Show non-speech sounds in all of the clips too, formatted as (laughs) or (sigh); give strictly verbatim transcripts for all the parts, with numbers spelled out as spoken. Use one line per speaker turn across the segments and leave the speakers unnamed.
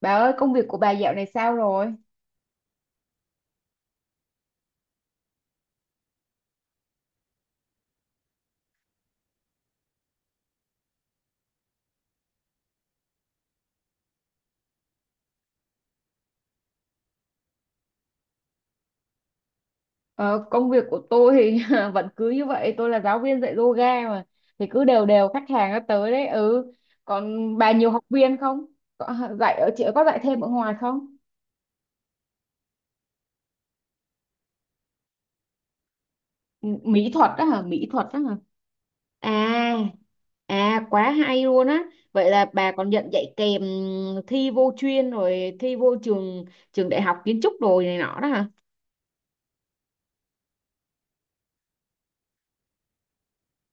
Bà ơi, công việc của bà dạo này sao rồi? Ờ, Công việc của tôi thì (laughs) vẫn cứ như vậy, tôi là giáo viên dạy yoga mà. Thì cứ đều đều khách hàng nó tới đấy, ừ. Còn bà nhiều học viên không? Có dạy ở chị có dạy thêm ở ngoài không? M- Mỹ thuật đó hả? Mỹ thuật đó hả? À, à quá hay luôn á. Vậy là bà còn nhận dạy kèm thi vô chuyên rồi thi vô trường trường đại học kiến trúc rồi này nọ đó hả?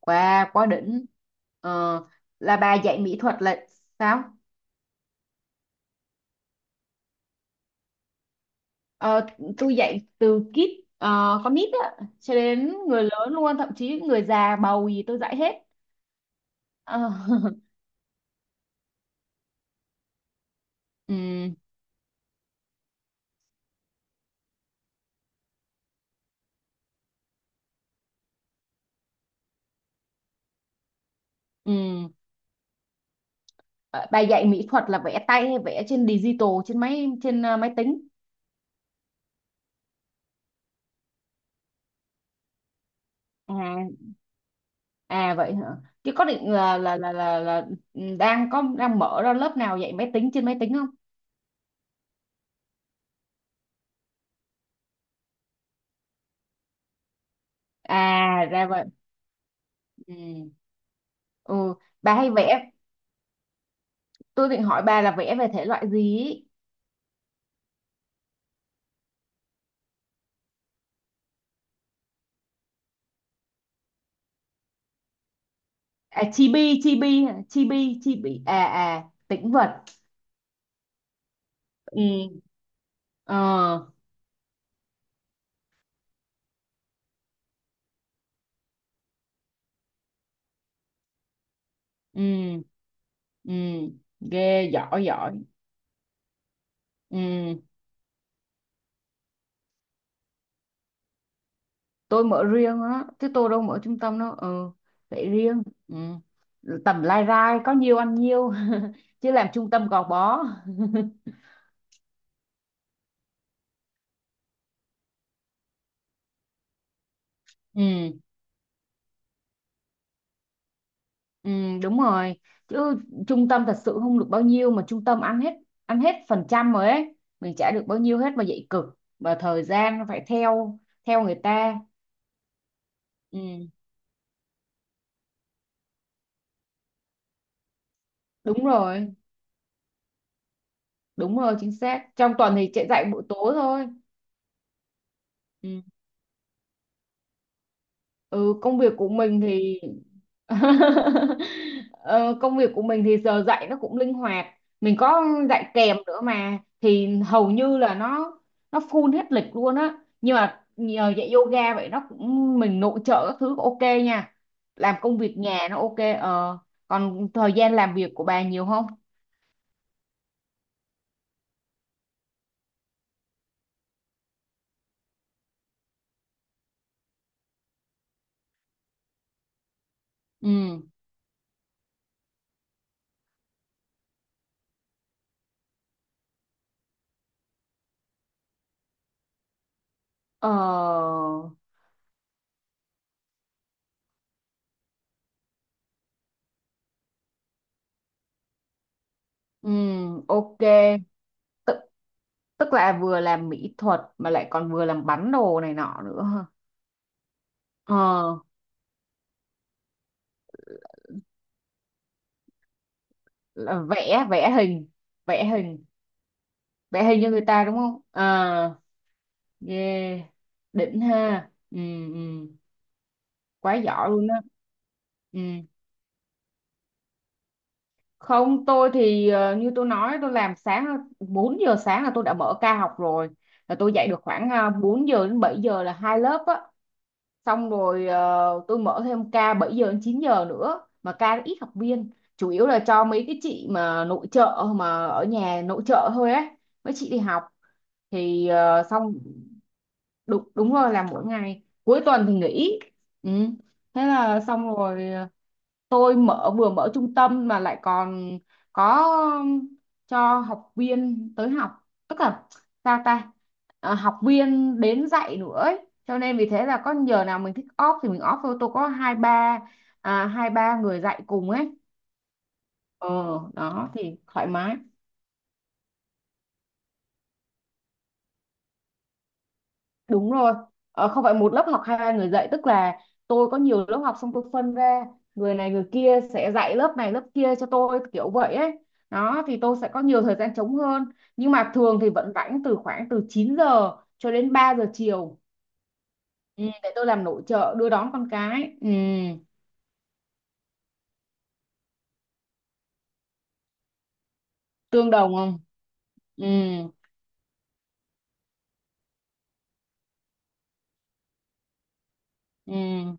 Quá quá đỉnh. Ờ, là bà dạy mỹ thuật là sao? Ờ, tôi dạy từ kid, ờ, con nít á cho đến người lớn luôn, thậm chí người già bầu gì tôi dạy hết. Ờ, (laughs) Ừ, ừ. Ờ, Bà dạy mỹ thuật là vẽ tay hay vẽ trên digital, trên máy, trên ờ, máy tính? À, à vậy hả, chứ có định là là là là, là ừ, đang có đang mở ra lớp nào dạy máy tính, trên máy tính không? À ra vậy. Ừ, ừ, bà hay vẽ, tôi định hỏi bà là vẽ về thể loại gì ý. À chibi chibi hả? Chibi chibi à, à tĩnh vật. Ừ. Ờ. Ừ. Ừ ghê, giỏi giỏi. Ừ, tôi mở riêng á chứ tôi đâu mở trung tâm đâu. Ừ, để riêng. Ừ, tầm lai rai có nhiêu ăn nhiêu (laughs) chứ làm trung tâm gò bó. Ừ. Ừ, đúng rồi, chứ trung tâm thật sự không được bao nhiêu mà trung tâm ăn hết, ăn hết phần trăm rồi ấy, mình trả được bao nhiêu hết mà dạy cực, và thời gian nó phải theo theo người ta. Ừ, đúng rồi, đúng rồi chính xác, trong tuần thì chạy dạy buổi tối thôi. Ừ. Ừ, công việc của mình thì (laughs) Ờ, công việc của mình thì giờ dạy nó cũng linh hoạt, mình có dạy kèm nữa mà thì hầu như là nó nó full hết lịch luôn á, nhưng mà nhờ dạy yoga vậy nó cũng mình nội trợ các thứ ok nha, làm công việc nhà nó ok. ờ Còn thời gian làm việc của bà nhiều không? Ừ. Ờ. Ừ. Ok, tức là vừa làm mỹ thuật mà lại còn vừa làm bắn đồ này nọ nữa. Ờ, là vẽ, vẽ hình, vẽ hình, vẽ hình cho người ta đúng không? Ờ, yeah. Đỉnh ha. Ừ, ừ. Quá giỏi luôn á. Ừ. Không, tôi thì ờ, như tôi nói tôi làm sáng, bốn giờ sáng là tôi đã mở ca học rồi, là tôi dạy được khoảng ờ, 4 giờ đến bảy giờ là hai lớp á. Xong rồi ờ, tôi mở thêm ca bảy giờ đến chín giờ nữa, mà ca nó ít học viên, chủ yếu là cho mấy cái chị mà nội trợ, mà ở nhà nội trợ thôi ấy, mấy chị đi học. Thì ờ, xong. Đúng đúng rồi là mỗi ngày, cuối tuần thì nghỉ. Ừ. Thế là xong rồi. ờ, tôi mở, vừa mở trung tâm mà lại còn có cho học viên tới học, tức là sao ta. Ờ, học viên đến dạy nữa ấy. Cho nên vì thế là có giờ nào mình thích off thì mình off thôi, tôi có hai ba à, hai ba người dạy cùng ấy. Ờ, đó thì thoải mái. Đúng rồi, ờ, không phải một lớp học hai người dạy, tức là tôi có nhiều lớp học xong tôi phân ra, người này người kia sẽ dạy lớp này lớp kia cho tôi kiểu vậy ấy. Đó thì tôi sẽ có nhiều thời gian trống hơn, nhưng mà thường thì vẫn rảnh từ khoảng từ 9 giờ cho đến 3 giờ chiều, ừ, để tôi làm nội trợ đưa đón con cái. Ừ, tương đồng không? Ừ, ừ,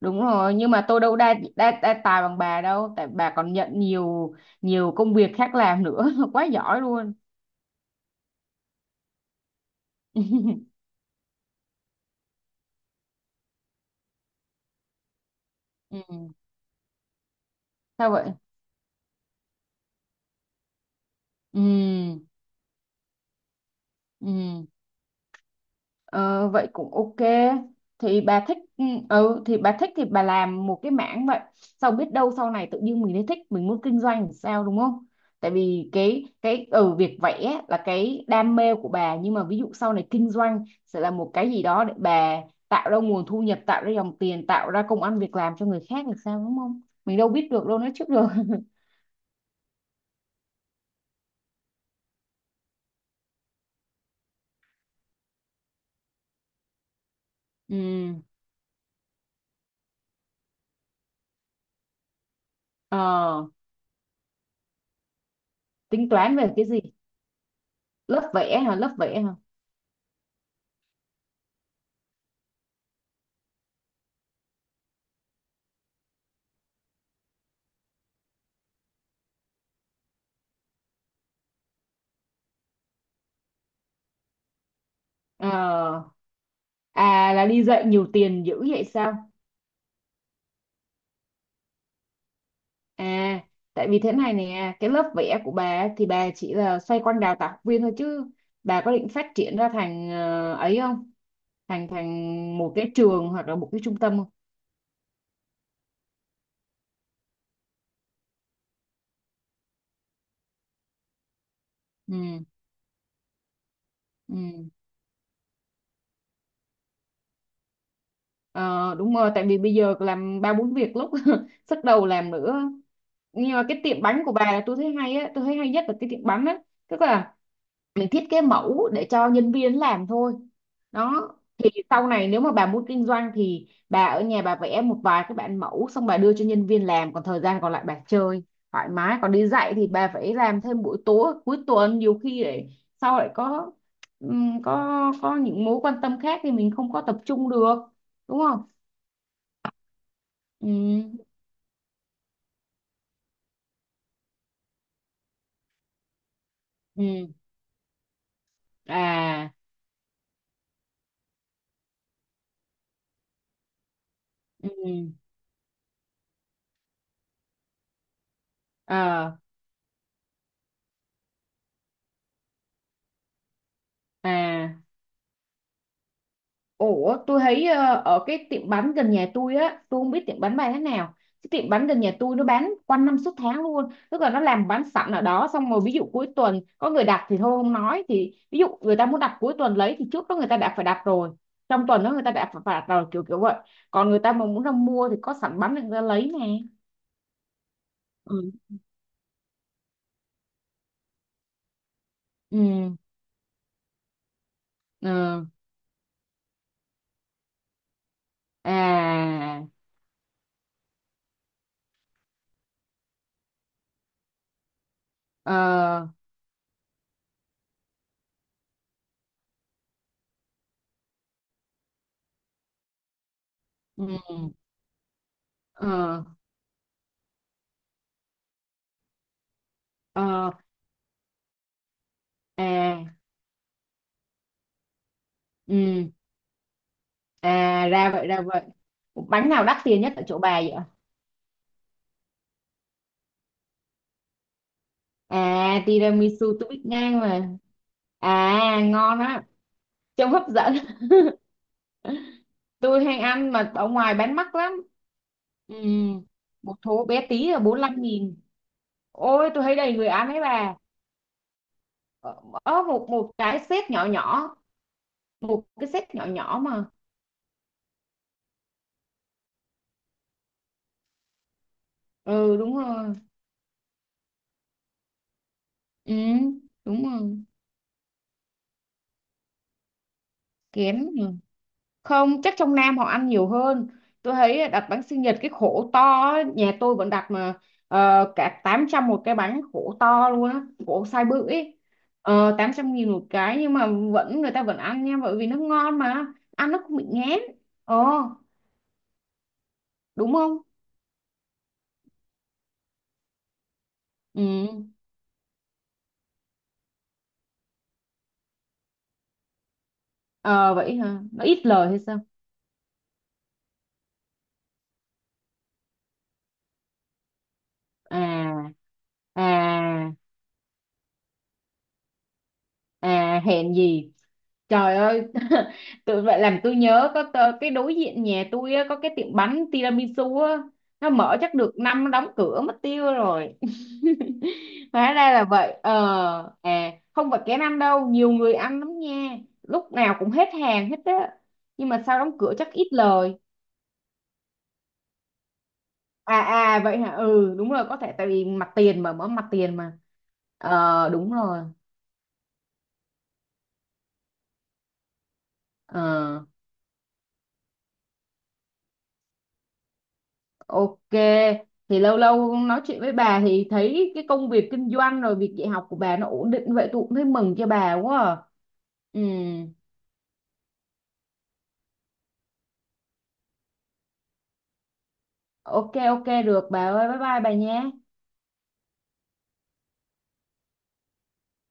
đúng rồi, nhưng mà tôi đâu đa, đa, đa tài bằng bà đâu, tại bà còn nhận nhiều nhiều công việc khác làm nữa. (laughs) Quá giỏi luôn. (laughs) Ừ, sao vậy? Ừ, ừ, ờ, vậy cũng ok. Thì bà thích, ừ, ừ, thì bà thích thì bà làm một cái mảng vậy. Xong biết đâu sau này tự nhiên mình lại thích, mình muốn kinh doanh thì sao đúng không? Tại vì cái cái ừ, việc vẽ là cái đam mê của bà, nhưng mà ví dụ sau này kinh doanh sẽ là một cái gì đó để bà tạo ra nguồn thu nhập, tạo ra dòng tiền, tạo ra công ăn việc làm cho người khác thì sao đúng không? Mình đâu biết được đâu, nói trước được. (laughs) Ừ, ờ, tính toán về cái gì? Lớp vẽ hả? Lớp vẽ hả? Ờ, à là đi dạy nhiều tiền dữ vậy sao? À, tại vì thế này nè, cái lớp vẽ của bà ấy thì bà chỉ là xoay quanh đào tạo học viên thôi, chứ bà có định phát triển ra thành ờ, ấy không? Thành thành một cái trường hoặc là một cái trung tâm không? Ừ, ừ. Ờ, đúng rồi, tại vì bây giờ làm ba bốn việc lúc (laughs) sức đầu làm nữa. Nhưng mà cái tiệm bánh của bà là tôi thấy hay á, tôi thấy hay nhất là cái tiệm bánh á. Tức là để thiết kế mẫu để cho nhân viên làm thôi, đó thì sau này nếu mà bà muốn kinh doanh thì bà ở nhà bà vẽ một vài cái bản mẫu xong bà đưa cho nhân viên làm, còn thời gian còn lại bà chơi thoải mái, còn đi dạy thì bà phải làm thêm buổi tối cuối tuần, nhiều khi để sau lại có ừm, có có những mối quan tâm khác thì mình không có tập trung được đúng không. Ừ, ừ, à, ừ, à, à. Ủa, tôi thấy ờ, ở cái tiệm bánh gần nhà tôi á, tôi không biết tiệm bánh bán thế nào. Cái tiệm bánh gần nhà tôi nó bán quanh năm suốt tháng luôn. Tức là nó làm bán sẵn ở đó, xong rồi ví dụ cuối tuần có người đặt thì thôi không nói, thì ví dụ người ta muốn đặt cuối tuần lấy thì trước đó người ta đã phải đặt rồi. Trong tuần đó người ta đã phải, phải đặt rồi kiểu kiểu vậy. Còn người ta mà muốn ra mua thì có sẵn bánh để người ta lấy nè. Ừ. Ừ, ừ, à, ờ, ừ, ờ, ờ, à, ừ, à ra vậy, ra vậy. Bánh nào đắt tiền nhất ở chỗ bà vậy ạ? À tiramisu tôi biết ngang mà. À ngon á, trông hấp dẫn. (laughs) Tôi hay ăn mà ở ngoài bán mắc lắm. Ừ, một thố bé tí là 45 nghìn. Ôi tôi thấy đầy người ăn ấy bà, ở một một cái set nhỏ nhỏ, một cái set nhỏ nhỏ mà. Ừ, đúng rồi. Ừ, đúng rồi, kén. Không, chắc trong Nam họ ăn nhiều hơn. Tôi thấy đặt bánh sinh nhật cái khổ to á, nhà tôi vẫn đặt mà ờ, cả tám trăm một cái bánh khổ to luôn á, khổ size bự ấy. Ờ, 800 nghìn một cái, nhưng mà vẫn người ta vẫn ăn nha, bởi vì nó ngon mà, ăn nó không bị ngán. Ờ, đúng không. Ừ, ờ vậy hả, nó ít lời hay sao? À, à, à hèn gì. Trời ơi, (laughs) tự vậy làm tôi nhớ có tờ- cái đối diện nhà tôi á, có cái tiệm bánh tiramisu á, nó mở chắc được năm nó đóng cửa mất tiêu rồi. (laughs) Hóa ra là vậy. Ờ, à không phải kén ăn đâu, nhiều người ăn lắm nha. Lúc nào cũng hết hàng hết á. Nhưng mà sao đóng cửa, chắc ít lời. À à vậy hả? Ừ đúng rồi, có thể tại vì mặt tiền, mà mở mặt tiền mà. Ờ đúng rồi. Ờ ok, thì lâu lâu nói chuyện với bà thì thấy cái công việc kinh doanh rồi việc dạy học của bà nó ổn định vậy, tôi cũng thấy mừng cho bà quá. À. Ừ, ok ok được bà ơi, bye bye bà nhé.